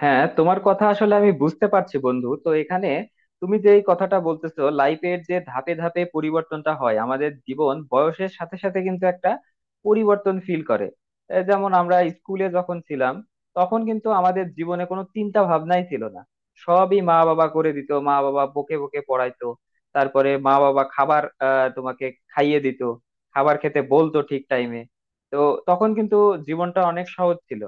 হ্যাঁ, তোমার কথা আসলে আমি বুঝতে পারছি বন্ধু। তো এখানে তুমি যে এই কথাটা বলতেছো, লাইফের যে ধাপে ধাপে পরিবর্তনটা হয় আমাদের জীবন বয়সের সাথে সাথে, কিন্তু একটা পরিবর্তন ফিল করে। এ যেমন আমরা স্কুলে যখন ছিলাম, তখন কিন্তু আমাদের জীবনে কোনো চিন্তা ভাবনাই ছিল না। সবই মা বাবা করে দিত, মা বাবা বকে বকে পড়াইতো। তারপরে মা বাবা খাবার তোমাকে খাইয়ে দিত, খাবার খেতে বলতো ঠিক টাইমে। তো তখন কিন্তু জীবনটা অনেক সহজ ছিল।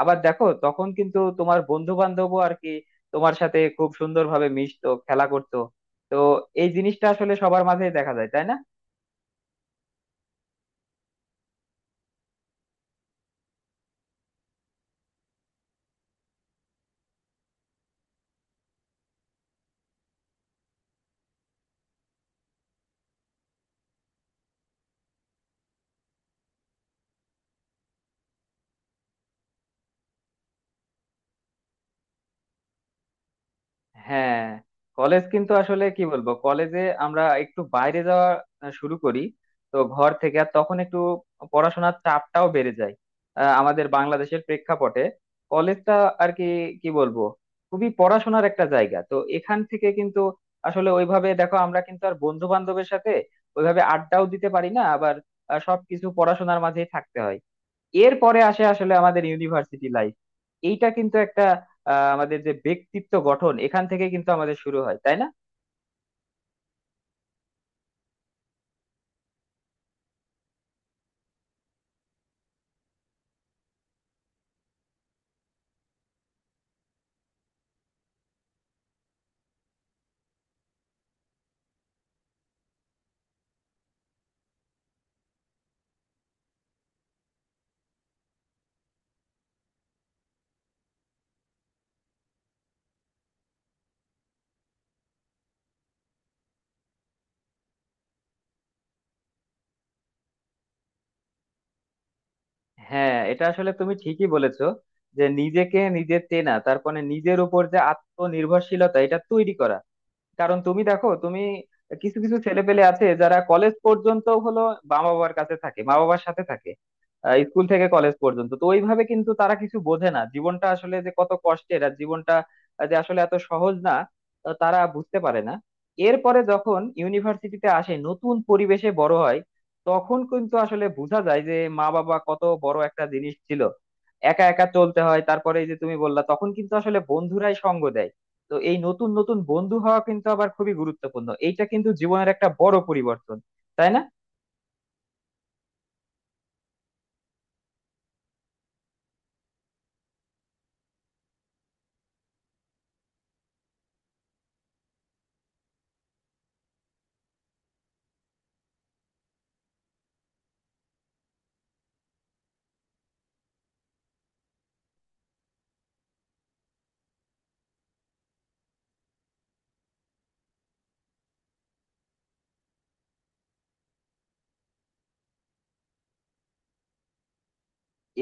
আবার দেখো, তখন কিন্তু তোমার বন্ধু বান্ধবও আর কি তোমার সাথে খুব সুন্দরভাবে মিশতো, খেলা করতো। তো এই জিনিসটা আসলে সবার মাঝেই দেখা যায়, তাই না? হ্যাঁ, কলেজ কিন্তু আসলে কি বলবো, কলেজে আমরা একটু বাইরে যাওয়া শুরু করি। তো ঘর থেকে, আর তখন একটু পড়াশোনার চাপটাও বেড়ে যায়। আমাদের বাংলাদেশের প্রেক্ষাপটে কলেজটা আর কি, কি বলবো, খুবই পড়াশোনার একটা জায়গা। তো এখান থেকে কিন্তু আসলে ওইভাবে দেখো আমরা কিন্তু আর বন্ধু বান্ধবের সাথে ওইভাবে আড্ডাও দিতে পারি না। আবার সবকিছু পড়াশোনার মাঝেই থাকতে হয়। এরপরে আসে আসলে আমাদের ইউনিভার্সিটি লাইফ। এইটা কিন্তু একটা আমাদের যে ব্যক্তিত্ব গঠন, এখান থেকে কিন্তু আমাদের শুরু হয়, তাই না? হ্যাঁ, এটা আসলে তুমি ঠিকই বলেছো। যে নিজেকে নিজে চেনা, তারপরে নিজের উপর যে আত্মনির্ভরশীলতা, এটা তৈরি করা। কারণ তুমি দেখো, তুমি কিছু কিছু ছেলেপেলে আছে যারা কলেজ পর্যন্ত হলো মা বাবার কাছে থাকে, মা বাবার সাথে থাকে। স্কুল থেকে কলেজ পর্যন্ত তো ওইভাবে কিন্তু তারা কিছু বোঝে না, জীবনটা আসলে যে কত কষ্টের আর জীবনটা যে আসলে এত সহজ না, তারা বুঝতে পারে না। এরপরে যখন ইউনিভার্সিটিতে আসে, নতুন পরিবেশে বড় হয়, তখন কিন্তু আসলে বোঝা যায় যে মা বাবা কত বড় একটা জিনিস ছিল। একা একা চলতে হয়, তারপরে এই যে তুমি বললা, তখন কিন্তু আসলে বন্ধুরাই সঙ্গ দেয়। তো এই নতুন নতুন বন্ধু হওয়া কিন্তু আবার খুবই গুরুত্বপূর্ণ, এইটা কিন্তু জীবনের একটা বড় পরিবর্তন, তাই না?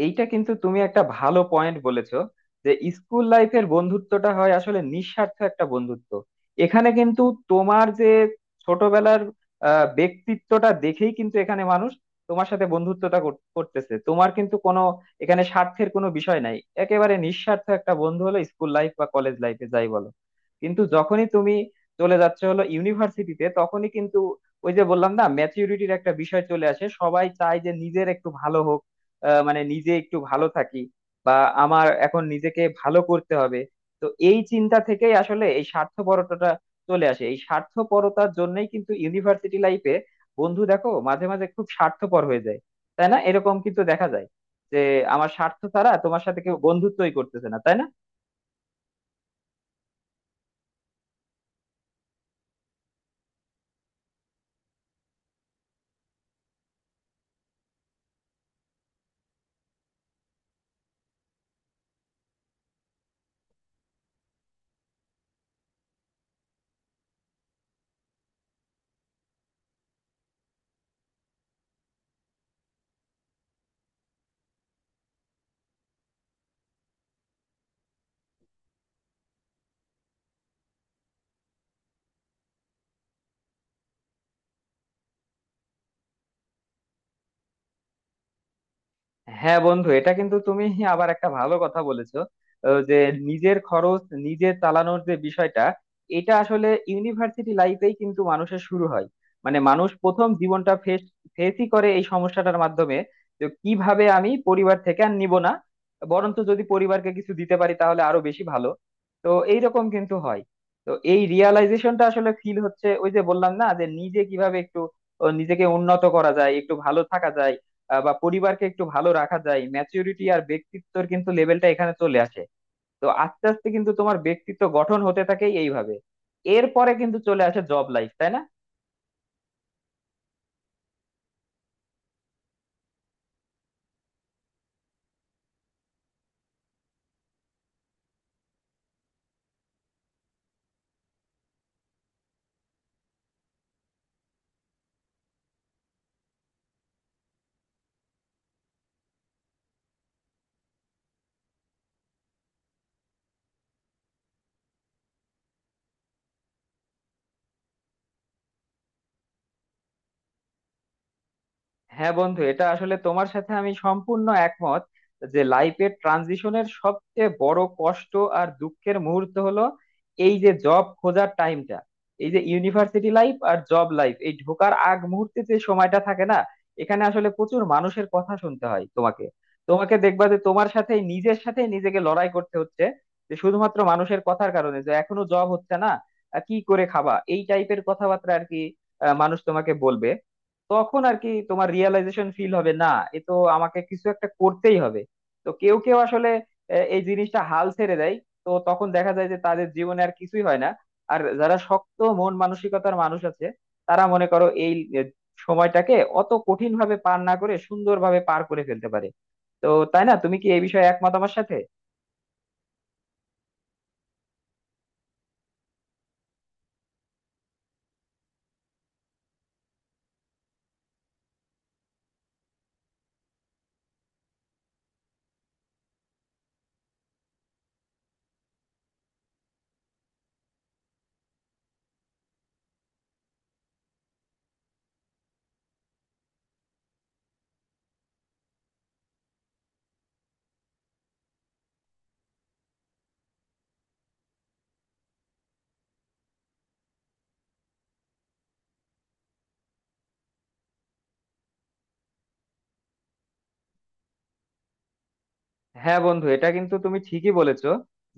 এইটা কিন্তু তুমি একটা ভালো পয়েন্ট বলেছো। যে স্কুল লাইফের বন্ধুত্বটা হয় আসলে নিঃস্বার্থ একটা বন্ধুত্ব। এখানে কিন্তু তোমার যে ছোটবেলার ব্যক্তিত্বটা দেখেই কিন্তু এখানে মানুষ তোমার সাথে বন্ধুত্বটা করতেছে। তোমার কিন্তু কোনো, এখানে স্বার্থের কোনো বিষয় নাই। একেবারে নিঃস্বার্থ একটা বন্ধু হলো স্কুল লাইফ বা কলেজ লাইফে যাই বলো। কিন্তু যখনই তুমি চলে যাচ্ছ হলো ইউনিভার্সিটিতে, তখনই কিন্তু ওই যে বললাম না, ম্যাচিউরিটির একটা বিষয় চলে আসে। সবাই চায় যে নিজের একটু ভালো হোক, মানে নিজে একটু ভালো থাকি বা আমার এখন নিজেকে ভালো করতে হবে। তো এই চিন্তা থেকেই আসলে এই স্বার্থপরতাটা চলে আসে। এই স্বার্থপরতার জন্যই কিন্তু ইউনিভার্সিটি লাইফে বন্ধু দেখো মাঝে মাঝে খুব স্বার্থপর হয়ে যায়, তাই না? এরকম কিন্তু দেখা যায় যে আমার স্বার্থ ছাড়া তোমার সাথে কেউ বন্ধুত্বই করতেছে না, তাই না? হ্যাঁ বন্ধু, এটা কিন্তু তুমি আবার একটা ভালো কথা বলেছো। যে নিজের খরচ নিজে চালানোর যে বিষয়টা, এটা আসলে ইউনিভার্সিটি লাইফেই কিন্তু মানুষের শুরু হয়। মানে মানুষ প্রথম জীবনটা ফেসই করে এই সমস্যাটার মাধ্যমে। যে কিভাবে আমি পরিবার থেকে আর নিব না, বরঞ্চ যদি পরিবারকে কিছু দিতে পারি তাহলে আরো বেশি ভালো। তো এইরকম কিন্তু হয়। তো এই রিয়ালাইজেশনটা আসলে ফিল হচ্ছে ওই যে বললাম না, যে নিজে কিভাবে একটু নিজেকে উন্নত করা যায়, একটু ভালো থাকা যায় বা পরিবারকে একটু ভালো রাখা যায়। ম্যাচিউরিটি আর ব্যক্তিত্বর কিন্তু লেভেলটা এখানে চলে আসে। তো আস্তে আস্তে কিন্তু তোমার ব্যক্তিত্ব গঠন হতে থাকে এইভাবে। এরপরে কিন্তু চলে আসে জব লাইফ, তাই না? হ্যাঁ বন্ধু, এটা আসলে তোমার সাথে আমি সম্পূর্ণ একমত। যে লাইফের ট্রানজিশনের সবচেয়ে বড় কষ্ট আর দুঃখের মুহূর্ত হলো এই যে জব খোঁজার টাইমটা। এই যে ইউনিভার্সিটি লাইফ আর জব লাইফ, এই ঢোকার আগ মুহূর্তে যে সময়টা থাকে না, এখানে আসলে প্রচুর মানুষের কথা শুনতে হয় তোমাকে। তোমাকে দেখবা যে তোমার সাথে, নিজের সাথে নিজেকে লড়াই করতে হচ্ছে, যে শুধুমাত্র মানুষের কথার কারণে যে এখনো জব হচ্ছে না। কি করে খাবা, এই টাইপের কথাবার্তা আর কি মানুষ তোমাকে বলবে। তখন আর কি তোমার রিয়েলাইজেশন ফিল হবে না, এ তো আমাকে কিছু একটা করতেই হবে। তো কেউ কেউ আসলে এই জিনিসটা হাল ছেড়ে দেয়। তো তখন দেখা যায় যে তাদের জীবনে আর কিছুই হয় না। আর যারা শক্ত মন মানসিকতার মানুষ আছে, তারা মনে করো এই আহ, সময়টাকে অত কঠিন ভাবে পার না করে সুন্দরভাবে পার করে ফেলতে পারে। তো তাই না, তুমি কি এই বিষয়ে একমত আমার সাথে? হ্যাঁ বন্ধু, এটা কিন্তু তুমি ঠিকই বলেছো।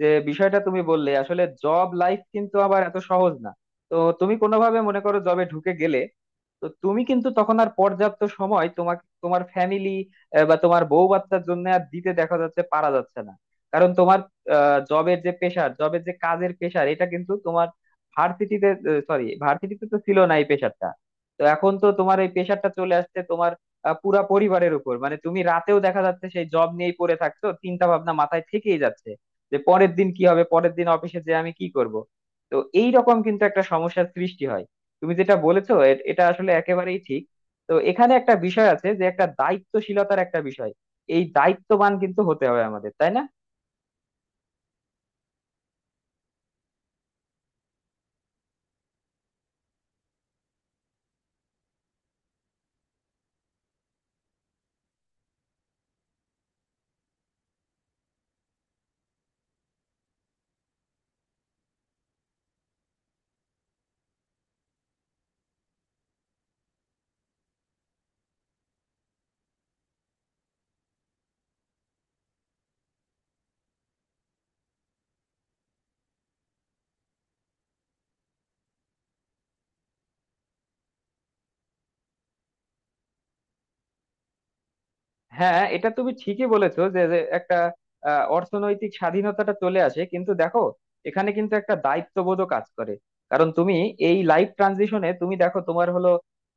যে বিষয়টা তুমি বললে আসলে, জব লাইফ কিন্তু আবার এত সহজ না। তো তুমি কোনোভাবে মনে করো জবে ঢুকে গেলে, তো তুমি কিন্তু তখন আর পর্যাপ্ত সময় তোমাকে তোমার ফ্যামিলি বা তোমার বউ বাচ্চার জন্য আর দিতে, দেখা যাচ্ছে পারা যাচ্ছে না। কারণ তোমার জবের যে পেশার, জবের যে কাজের পেশার, এটা কিন্তু তোমার ভার্সিটিতে, সরি, ভার্সিটিতে তো ছিল না এই পেশারটা। তো এখন তো তোমার এই পেশারটা চলে আসছে তোমার পুরা পরিবারের উপর। মানে তুমি রাতেও দেখা যাচ্ছে সেই জব নিয়েই পড়ে থাকছো, চিন্তা ভাবনা মাথায় থেকেই যাচ্ছে যে পরের দিন কি হবে, পরের দিন অফিসে যে আমি কি করব। তো এই রকম কিন্তু একটা সমস্যার সৃষ্টি হয়। তুমি যেটা বলেছো এটা আসলে একেবারেই ঠিক। তো এখানে একটা বিষয় আছে, যে একটা দায়িত্বশীলতার একটা বিষয়। এই দায়িত্ববান কিন্তু হতে হবে আমাদের, তাই না? হ্যাঁ, এটা তুমি ঠিকই বলেছো। যে যে একটা অর্থনৈতিক স্বাধীনতাটা চলে আসে, কিন্তু দেখো এখানে কিন্তু একটা দায়িত্ববোধও কাজ করে। কারণ তুমি এই লাইফ ট্রানজিশনে তুমি দেখো তোমার হলো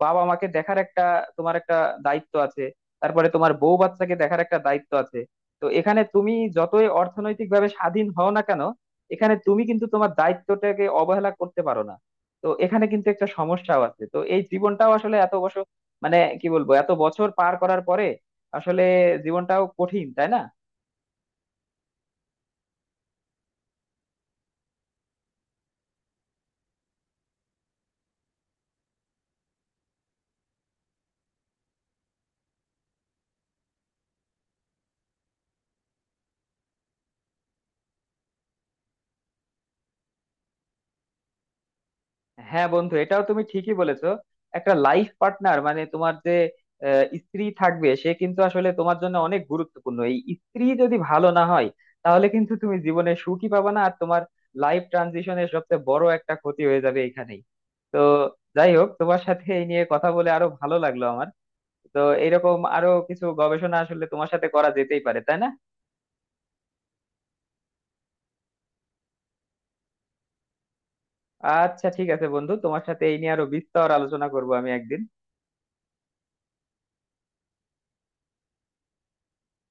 বাবা মাকে দেখার একটা, তোমার একটা দায়িত্ব আছে। তারপরে তোমার বউ বাচ্চাকে দেখার একটা দায়িত্ব আছে। তো এখানে তুমি যতই অর্থনৈতিক ভাবে স্বাধীন হও না কেন, এখানে তুমি কিন্তু তোমার দায়িত্বটাকে অবহেলা করতে পারো না। তো এখানে কিন্তু একটা সমস্যাও আছে। তো এই জীবনটাও আসলে এত বছর, মানে কি বলবো, এত বছর পার করার পরে আসলে জীবনটাও কঠিন, তাই না? হ্যাঁ বন্ধু, এটাও তুমি ঠিকই বলেছো। একটা লাইফ পার্টনার, মানে তোমার যে স্ত্রী থাকবে, সে কিন্তু আসলে তোমার জন্য অনেক গুরুত্বপূর্ণ। এই স্ত্রী যদি ভালো না হয়, তাহলে কিন্তু তুমি জীবনে সুখী পাবে না আর তোমার লাইফ ট্রানজিশনের সবচেয়ে বড় একটা ক্ষতি হয়ে যাবে এখানেই। তো যাই হোক, তোমার সাথে এই নিয়ে কথা বলে আরো ভালো লাগলো আমার। তো এরকম আরো কিছু গবেষণা আসলে তোমার সাথে করা যেতেই পারে, তাই না? আচ্ছা, ঠিক আছে বন্ধু, তোমার সাথে এই নিয়ে আরো বিস্তর আলোচনা করবো আমি একদিন।